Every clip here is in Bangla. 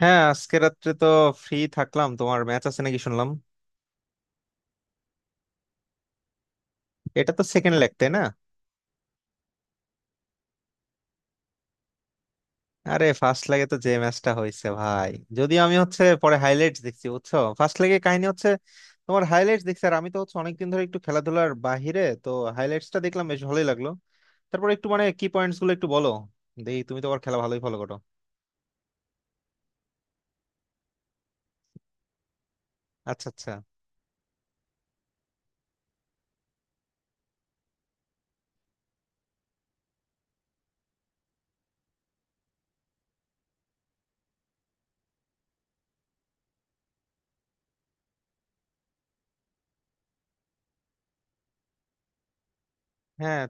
হ্যাঁ, আজকে রাত্রে তো ফ্রি থাকলাম। তোমার ম্যাচ আছে নাকি শুনলাম, এটা তো সেকেন্ড লেগ তাই না? আরে ফার্স্ট লেগে তো যে ম্যাচটা হয়েছে ভাই, যদিও আমি হচ্ছে পরে হাইলাইটস দেখছি, বুঝছো? ফার্স্ট লেগে কাহিনী হচ্ছে, তোমার হাইলাইটস দেখছি। আর আমি তো হচ্ছে অনেকদিন ধরে একটু খেলাধুলার বাহিরে তো, হাইলাইটসটা দেখলাম, বেশ ভালোই লাগলো। তারপর একটু মানে কি পয়েন্টস গুলো একটু বলো দেখি, তুমি তো আবার খেলা ভালোই ফলো করো। আচ্ছা, আচ্ছা। হ্যাঁ,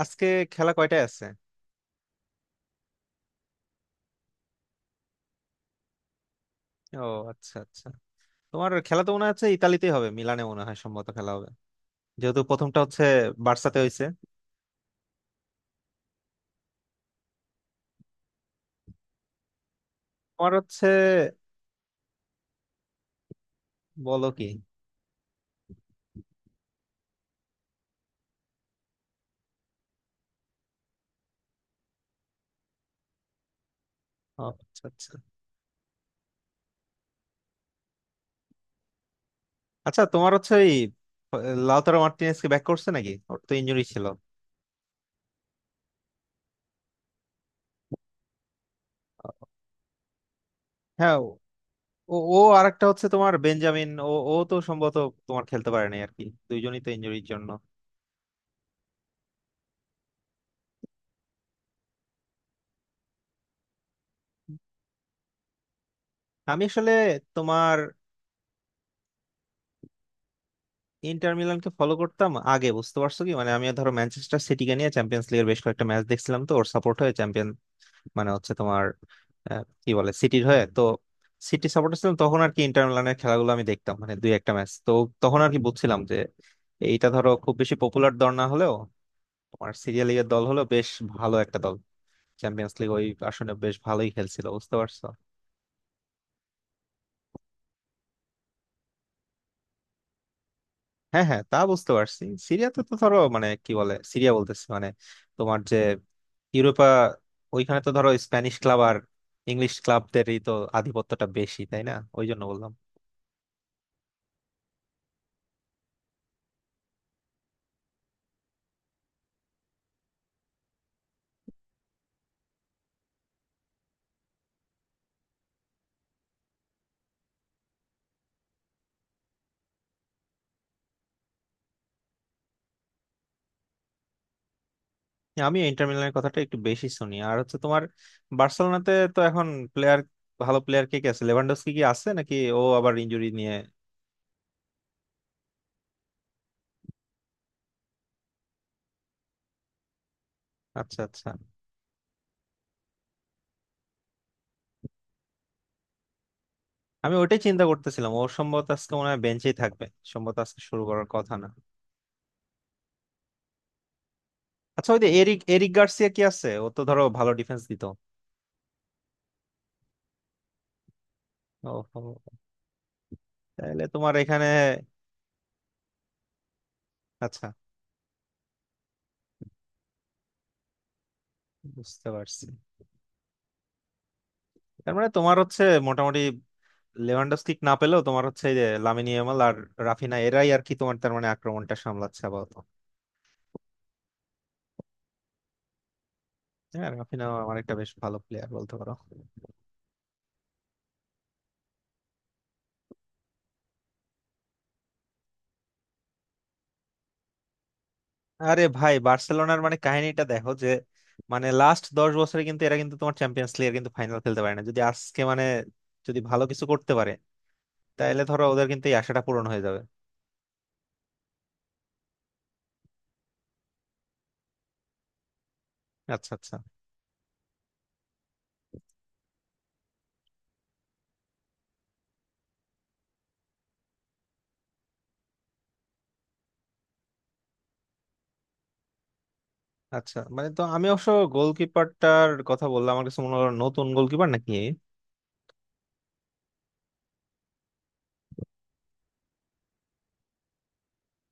আজকে খেলা কয়টায় আছে? ও, আচ্ছা আচ্ছা। তোমার খেলা তো মনে হচ্ছে ইতালিতেই হবে, মিলানে মনে হয় সম্ভবত খেলা হবে, যেহেতু প্রথমটা হচ্ছে বার্সাতে হয়েছে। তোমার হচ্ছে বলো কি! ও, আচ্ছা আচ্ছা। আচ্ছা, তোমার হচ্ছে ওই লাউতারো মার্টিনেজ কি ব্যাক করছে নাকি? ওর তো ইনজুরি ছিল। হ্যাঁ। ও ও, আরেকটা হচ্ছে তোমার বেঞ্জামিন, ও ও তো সম্ভবত তোমার খেলতে পারে নাই আর কি, দুইজনই তো ইনজুরির জন্য। আমি আসলে তোমার ইন্টার মিলানকে ফলো করতাম আগে, বুঝতে পারছো? কি মানে আমি ধরো ম্যানচেস্টার সিটিকে নিয়ে চ্যাম্পিয়ন্স লিগের বেশ কয়েকটা ম্যাচ দেখছিলাম, তো ওর সাপোর্ট হয়ে চ্যাম্পিয়ন মানে হচ্ছে তোমার কি বলে সিটির হয়ে তো, সিটি সাপোর্টার ছিলাম তখন আর কি। ইন্টার মিলানের খেলাগুলো আমি দেখতাম, মানে দুই একটা ম্যাচ তো তখন আর কি। বুঝছিলাম যে এইটা ধরো খুব বেশি পপুলার দল না হলেও তোমার সিরিয়াল লিগের দল, হলো বেশ ভালো একটা দল, চ্যাম্পিয়ন্স লিগ ওই আসলে বেশ ভালোই খেলছিল, বুঝতে পারছো? হ্যাঁ হ্যাঁ, তা বুঝতে পারছি। সিরিয়াতে তো ধরো মানে কি বলে, সিরিয়া বলতেছি মানে তোমার যে ইউরোপা, ওইখানে তো ধরো স্প্যানিশ ক্লাব আর ইংলিশ ক্লাবদেরই তো আধিপত্যটা বেশি তাই না? ওই জন্য বললাম। আমি ইন্টার মিলানের কথাটা একটু বেশি শুনি। আর হচ্ছে তোমার বার্সেলোনাতে তো এখন প্লেয়ার, ভালো প্লেয়ার কে কে আছে? লেভানডস্কি কি আছে নাকি? ও আবার ইনজুরি নিয়ে। আচ্ছা আচ্ছা। আমি ওইটাই চিন্তা করতেছিলাম, ওর সম্ভবত আজকে মনে হয় বেঞ্চেই থাকবে, সম্ভবত আজকে শুরু করার কথা না। আচ্ছা, ওই যে এরিক এরিক গার্সিয়া কি আছে? ও তো ধরো ভালো ডিফেন্স দিত। ও, তাহলে তোমার এখানে। আচ্ছা, বুঝতে পারছি। তার মানে তোমার হচ্ছে মোটামুটি লেভানডস্কি না পেলেও তোমার হচ্ছে এই যে লামিনী ইয়ামাল আর রাফিনা, এরাই আর কি তোমার, তার মানে আক্রমণটা সামলাচ্ছে আপাতত। হ্যাঁ, রাফিনাও আমার একটা বেশ ভালো প্লেয়ার বলতে পারো। আরে ভাই, বার্সেলোনার মানে কাহিনীটা দেখো যে মানে লাস্ট 10 বছরে কিন্তু এরা কিন্তু তোমার চ্যাম্পিয়ন্স লিগের কিন্তু ফাইনাল খেলতে পারে না। যদি আজকে মানে যদি ভালো কিছু করতে পারে, তাহলে ধরো ওদের কিন্তু এই আশাটা পূরণ হয়ে যাবে। আচ্ছা আচ্ছা। আচ্ছা, মানে তো আমি অবশ্য গোলকিপারটার কথা বললাম, আমার কাছে মনে হলো নতুন গোলকিপার নাকি।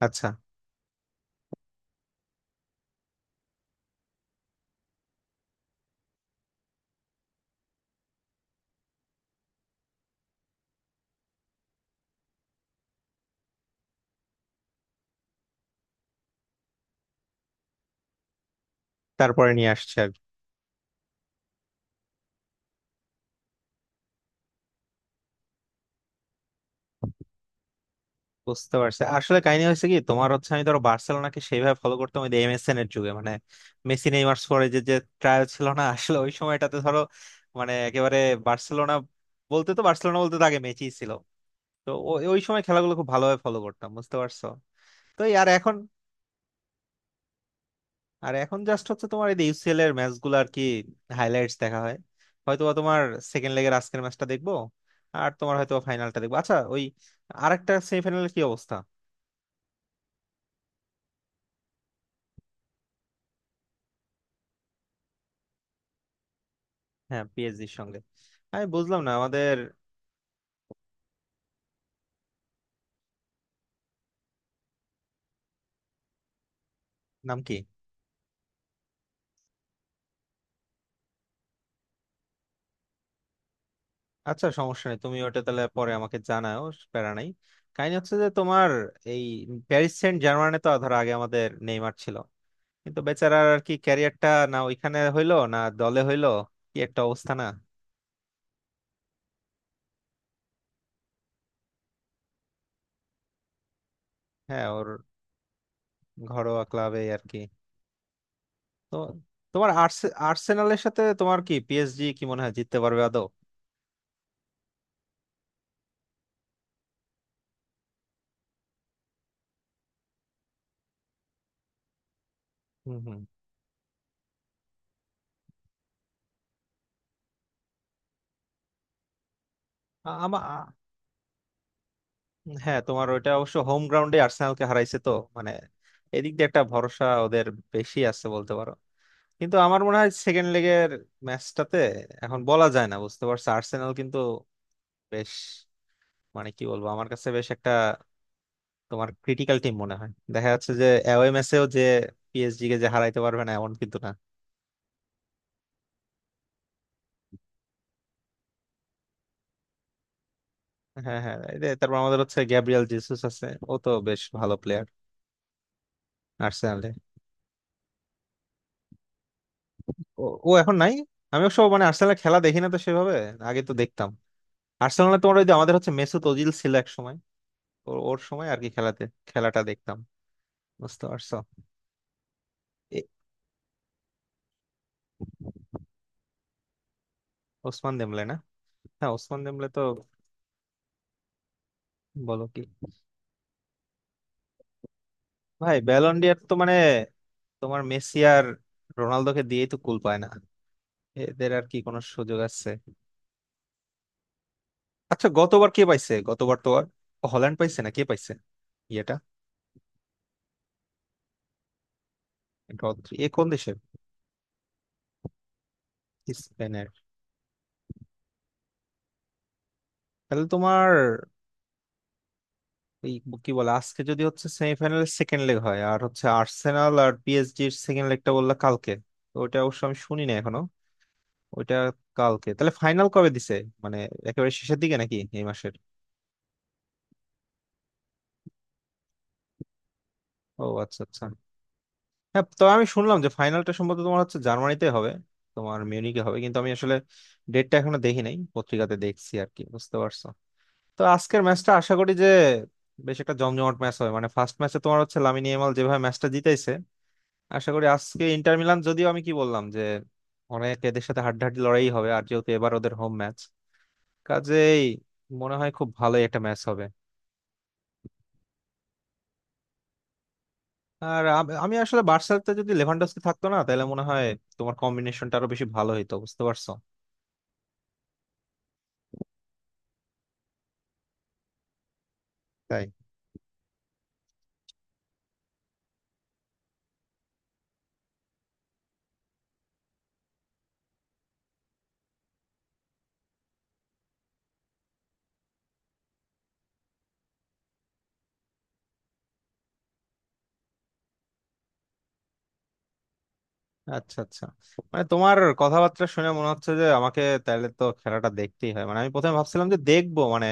আচ্ছা, তারপরে নিয়ে আসছে। বুঝতে পারছি। আসলে কাহিনী হয়েছে কি, তোমার হচ্ছে আমি ধরো বার্সেলোনাকে সেইভাবে ফলো করতাম ওই এমএসএন এর যুগে, মানে মেসি, নেইমার, সুয়ারেজের যে ট্রায়াল ছিল না আসলে ওই সময়টাতে ধরো, মানে একেবারে বার্সেলোনা বলতে তো আগে মেসি ছিল, তো ওই সময় খেলাগুলো খুব ভালোভাবে ফলো করতাম, বুঝতে পারছো? তো এই আর এখন, আর এখন জাস্ট হচ্ছে তোমার এই ইউসিএল এর ম্যাচ গুলো আর কি হাইলাইটস দেখা হয়। হয়তোবা তোমার সেকেন্ড লেগের আজকের ম্যাচটা দেখবো, আর তোমার হয়তো ফাইনালটা দেখবো। আচ্ছা, ওই আরেকটা সেমিফাইনালের কি অবস্থা? হ্যাঁ, পিএসজির সঙ্গে। আমি বুঝলাম না আমাদের, নাম কি? আচ্ছা, সমস্যা নেই, তুমি ওটা তাহলে পরে আমাকে জানাও। প্যারা নাই। কাহিনী হচ্ছে যে তোমার এই প্যারিস সেন্ট জার্মানে তো ধরো আগে আমাদের নেইমার ছিল, কিন্তু বেচারার আর কি ক্যারিয়ারটা না ওইখানে হইলো না দলে হইলো, কি একটা অবস্থা না? হ্যাঁ ওর ঘরোয়া ক্লাবে আর কি। তো তোমার আর্সেনালের সাথে তোমার কি পিএসজি কি মনে হয় জিততে পারবে আদৌ? হম। হম। হ্যাঁ, তোমার ওইটা অবশ্য হোম গ্রাউন্ডে আর্সেনালকে হারাইছে তো, মানে এদিক দিয়ে একটা ভরসা ওদের বেশি আছে বলতে পারো। কিন্তু আমার মনে হয় সেকেন্ড লেগের ম্যাচটাতে এখন বলা যায় না, বুঝতে পারছো? আর্সেনাল কিন্তু বেশ, মানে কি বলবো, আমার কাছে বেশ একটা তোমার ক্রিটিক্যাল টিম মনে হয়, দেখা যাচ্ছে যে অ্যাওয়ে ম্যাচেও যে পিএসজি কে যে হারাইতে পারবে না এমন কিন্তু না। হ্যাঁ হ্যাঁ, এই যে তারপর আমাদের হচ্ছে গ্যাব্রিয়াল জেসুস আছে, ও তো বেশ ভালো প্লেয়ার আর্সেনালে। ও ও এখন নাই। আমি অবশ্য মানে আর্সেনালের খেলা দেখি না তো সেভাবে, আগে তো দেখতাম। আর্সেনালে তোমার ওই যে আমাদের হচ্ছে মেসুত ওজিল ছিল এক সময়, ওর ওর সময় আর কি খেলাতে খেলাটা দেখতাম, বুঝতে পারছো? এ- ওসমান দেমলে না? হ্যাঁ, ওসমান দেমলে তো। বলো কি! ভাই, ব্যালন ডি'র তো মানে তোমার মেসি আর রোনালদোকে দিয়েই তো কুল পায় না, এদের আর কি কোনো সুযোগ আছে? আচ্ছা, গতবার কে পাইছে? গতবার তো আর হল্যান্ড পাইছে না? কে পাইছে? ইয়েটা। এ কোন দেশের? স্পেনের। তাহলে তোমার এই কি বলে, আজকে যদি হচ্ছে সেমিফাইনালের সেকেন্ড লেগ হয় আর হচ্ছে আর্সেনাল আর পিএসজির সেকেন্ড লেগটা বললা কালকে, তো ওটা অবশ্য আমি শুনি না এখনো ওইটা। কালকে তাহলে ফাইনাল কবে দিছে, মানে একেবারে শেষের দিকে নাকি এই মাসের? ও, আচ্ছা আচ্ছা। হ্যাঁ, তো আমি শুনলাম যে ফাইনালটা সম্ভবত তোমার হচ্ছে জার্মানিতে হবে, তোমার মিউনিকে হবে। কিন্তু আমি আসলে ডেটটা এখনো দেখি নাই, পত্রিকাতে দেখছি আর কি, বুঝতে পারছো? তো আজকের ম্যাচটা আশা করি যে বেশ একটা জমজমাট ম্যাচ হবে। মানে ফার্স্ট ম্যাচে তোমার হচ্ছে লামিনী ইয়ামাল যেভাবে ম্যাচটা জিতাইছে, আশা করি আজকে ইন্টার মিলান, যদিও আমি কি বললাম যে অনেক এদের সাথে হাড্ডাহাড্ডি লড়াই হবে, আর যেহেতু এবার ওদের হোম ম্যাচ, কাজেই মনে হয় খুব ভালোই একটা ম্যাচ হবে। আর আমি আসলে বার্সাতে যদি লেভানডস্কি থাকতো না, তাহলে মনে হয় তোমার কম্বিনেশনটা আরো বেশি ভালো হইতো, বুঝতে পারছো? তাই। আচ্ছা আচ্ছা। মানে তোমার কথাবার্তা শুনে মনে হচ্ছে যে আমাকে তাহলে তো খেলাটা দেখতেই হয়, মানে আমি প্রথমে ভাবছিলাম যে দেখবো, মানে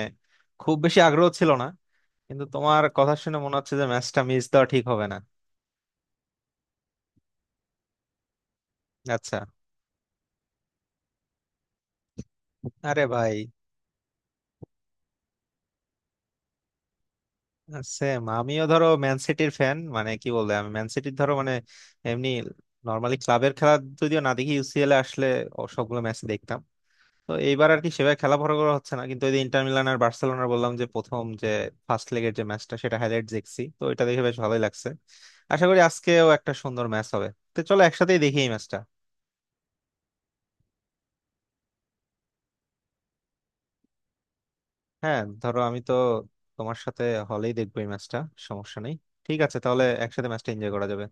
খুব বেশি আগ্রহ ছিল না, কিন্তু তোমার কথা শুনে মনে হচ্ছে যে ম্যাচটা মিস দেওয়া ঠিক হবে না। আচ্ছা। আরে ভাই, সেম, আমিও ধরো ম্যান সিটির ফ্যান। মানে কি বলবো, আমি ম্যান সিটির ধরো মানে এমনি নর্মালি ক্লাবের খেলা যদিও না দেখি, ইউসিএল এ আসলে ও সবগুলো ম্যাচ দেখতাম। তো এইবার আর কি সেভাবে খেলা বড় করা হচ্ছে না, কিন্তু ওই যে ইন্টার মিলান আর বার্সেলোনার বললাম যে প্রথম যে ফার্স্ট লেগের যে ম্যাচটা, সেটা হাইলাইট দেখছি, তো এটা দেখে বেশ ভালোই লাগছে। আশা করি আজকেও একটা সুন্দর ম্যাচ হবে। তো চলো একসাথেই দেখি এই ম্যাচটা। হ্যাঁ, ধরো আমি তো তোমার সাথে হলেই দেখবো এই ম্যাচটা, সমস্যা নেই। ঠিক আছে, তাহলে একসাথে ম্যাচটা এনজয় করা যাবে।